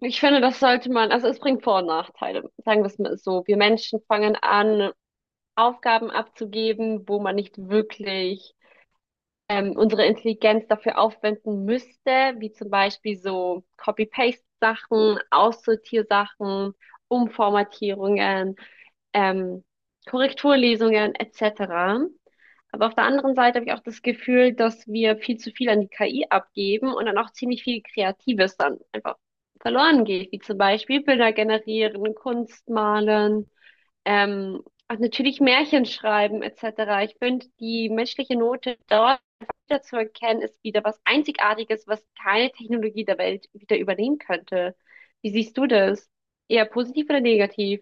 Ich finde, das sollte man, also es bringt Vor- und Nachteile. Sagen wir es mal so. Wir Menschen fangen an, Aufgaben abzugeben, wo man nicht wirklich unsere Intelligenz dafür aufwenden müsste, wie zum Beispiel so Copy-Paste-Sachen, Aussortiersachen, Umformatierungen, ähm, Korrekturlesungen etc. Aber auf der anderen Seite habe ich auch das Gefühl, dass wir viel zu viel an die KI abgeben und dann auch ziemlich viel Kreatives dann einfach verloren geht, wie zum Beispiel Bilder generieren, Kunst malen. Ähm, und natürlich Märchen schreiben etc. Ich finde, die menschliche Note dort wieder zu erkennen, ist wieder was Einzigartiges, was keine Technologie der Welt wieder übernehmen könnte. Wie siehst du das? Eher positiv oder negativ?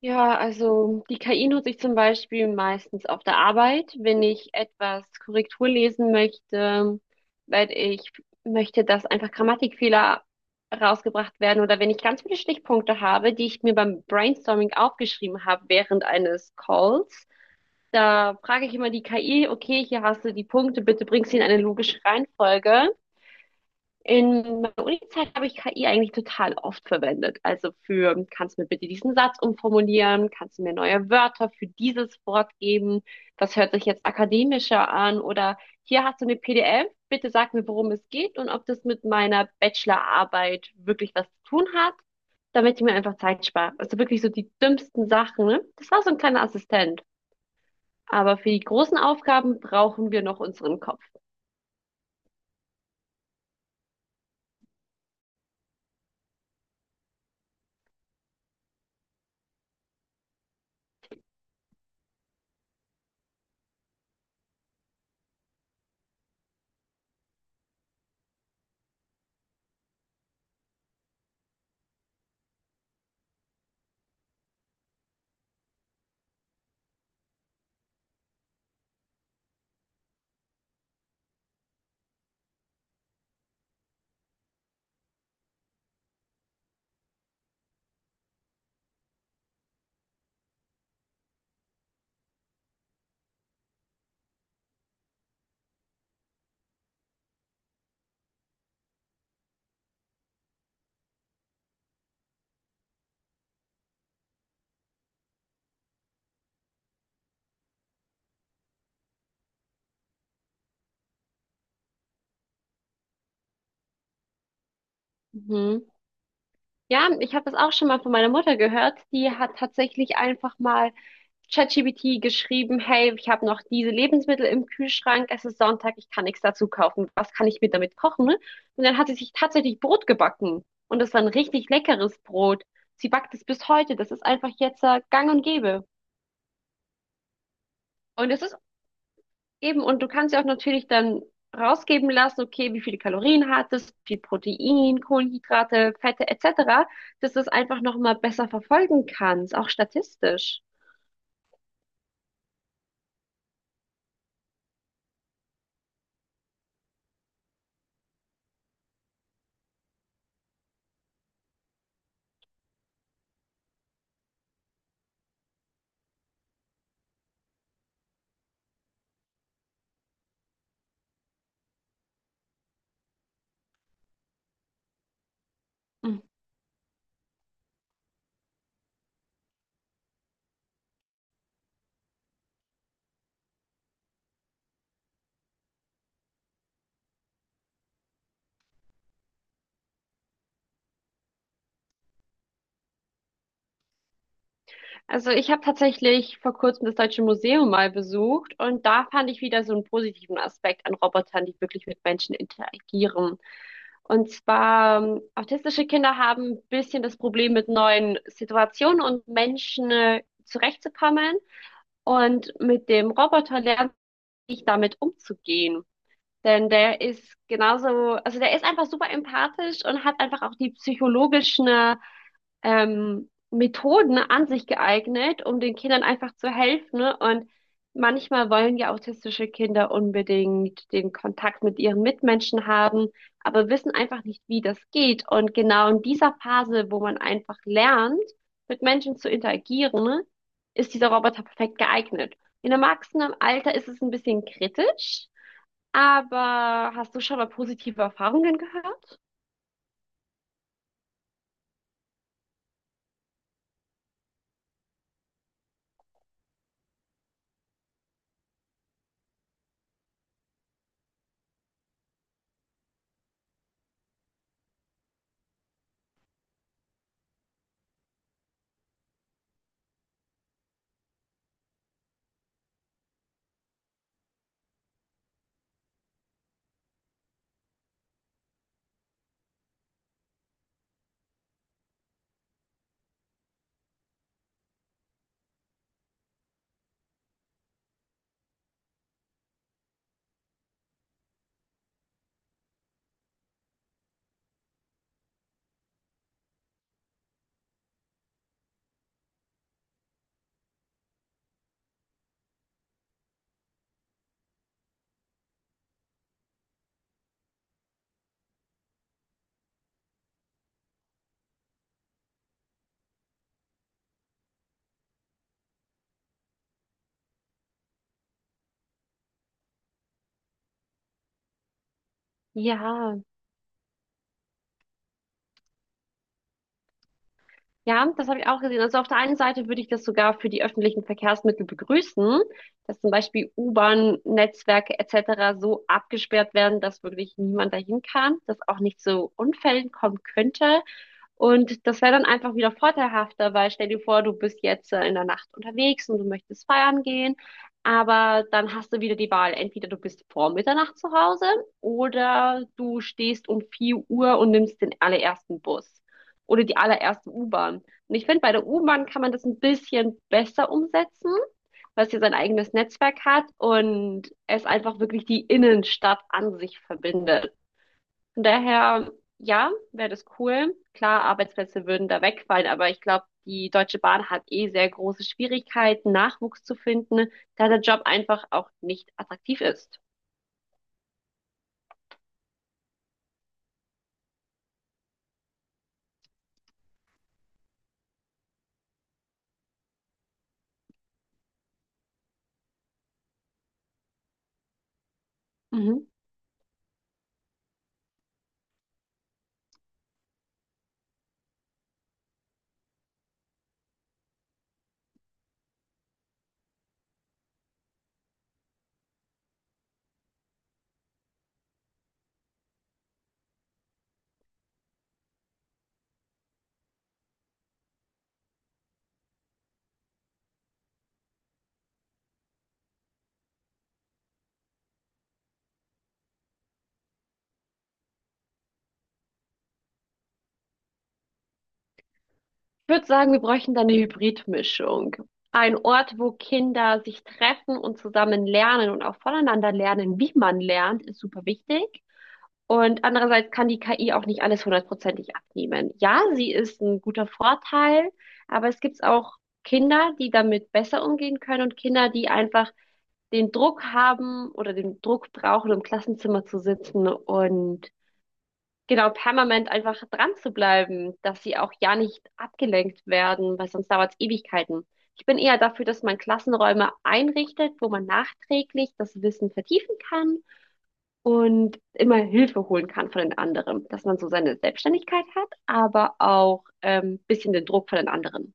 Ja, also die KI nutze ich zum Beispiel meistens auf der Arbeit, wenn ich etwas Korrektur lesen möchte, weil ich möchte, dass einfach Grammatikfehler rausgebracht werden, oder wenn ich ganz viele Stichpunkte habe, die ich mir beim Brainstorming aufgeschrieben habe während eines Calls. Da frage ich immer die KI, okay, hier hast du die Punkte, bitte bring sie in eine logische Reihenfolge. In meiner Unizeit habe ich KI eigentlich total oft verwendet. Also für, kannst du mir bitte diesen Satz umformulieren? Kannst du mir neue Wörter für dieses Wort geben? Das hört sich jetzt akademischer an. Oder hier hast du eine PDF. Bitte sag mir, worum es geht und ob das mit meiner Bachelorarbeit wirklich was zu tun hat, damit ich mir einfach Zeit spare. Also wirklich so die dümmsten Sachen, ne? Das war so ein kleiner Assistent. Aber für die großen Aufgaben brauchen wir noch unseren Kopf. Mhm. Ja, ich habe das auch schon mal von meiner Mutter gehört. Die hat tatsächlich einfach mal ChatGPT geschrieben, hey, ich habe noch diese Lebensmittel im Kühlschrank, es ist Sonntag, ich kann nichts dazu kaufen. Was kann ich mir damit kochen? Und dann hat sie sich tatsächlich Brot gebacken. Und das war ein richtig leckeres Brot. Sie backt es bis heute. Das ist einfach jetzt gang und gäbe. Und es ist, eben, und du kannst ja auch natürlich dann rausgeben lassen, okay, wie viele Kalorien hat es, wie viel Protein, Kohlenhydrate, Fette etc., dass du es einfach nochmal besser verfolgen kannst, auch statistisch. Mhm. Also ich habe tatsächlich vor kurzem das Deutsche Museum mal besucht und da fand ich wieder so einen positiven Aspekt an Robotern, die wirklich mit Menschen interagieren. Und zwar, autistische Kinder haben ein bisschen das Problem, mit neuen Situationen und Menschen zurechtzukommen. Und mit dem Roboter lernen damit umzugehen. Denn der ist genauso, also der ist einfach super empathisch und hat einfach auch die psychologischen Methoden an sich geeignet, um den Kindern einfach zu helfen, ne? Und manchmal wollen ja autistische Kinder unbedingt den Kontakt mit ihren Mitmenschen haben, aber wissen einfach nicht, wie das geht. Und genau in dieser Phase, wo man einfach lernt, mit Menschen zu interagieren, ne, ist dieser Roboter perfekt geeignet. In erwachsenem Alter ist es ein bisschen kritisch, aber hast du schon mal positive Erfahrungen gehört? Ja. Ja, das habe ich auch gesehen. Also auf der einen Seite würde ich das sogar für die öffentlichen Verkehrsmittel begrüßen, dass zum Beispiel U-Bahn-Netzwerke etc. so abgesperrt werden, dass wirklich niemand dahin kann, dass auch nicht zu Unfällen kommen könnte. Und das wäre dann einfach wieder vorteilhafter, weil stell dir vor, du bist jetzt in der Nacht unterwegs und du möchtest feiern gehen, aber dann hast du wieder die Wahl. Entweder du bist vor Mitternacht zu Hause oder du stehst um 4 Uhr und nimmst den allerersten Bus oder die allererste U-Bahn. Und ich finde, bei der U-Bahn kann man das ein bisschen besser umsetzen, weil es hier sein eigenes Netzwerk hat und es einfach wirklich die Innenstadt an sich verbindet. Von daher, ja, wäre das cool. Klar, Arbeitsplätze würden da wegfallen, aber ich glaube, die Deutsche Bahn hat eh sehr große Schwierigkeiten, Nachwuchs zu finden, da der Job einfach auch nicht attraktiv ist. Mhm. Ich würde sagen, wir bräuchten da eine Hybridmischung. Ein Ort, wo Kinder sich treffen und zusammen lernen und auch voneinander lernen, wie man lernt, ist super wichtig. Und andererseits kann die KI auch nicht alles hundertprozentig abnehmen. Ja, sie ist ein guter Vorteil, aber es gibt auch Kinder, die damit besser umgehen können, und Kinder, die einfach den Druck haben oder den Druck brauchen, um im Klassenzimmer zu sitzen und genau permanent einfach dran zu bleiben, dass sie auch ja nicht abgelenkt werden, weil sonst dauert es Ewigkeiten. Ich bin eher dafür, dass man Klassenräume einrichtet, wo man nachträglich das Wissen vertiefen kann und immer Hilfe holen kann von den anderen, dass man so seine Selbstständigkeit hat, aber auch ein bisschen den Druck von den anderen.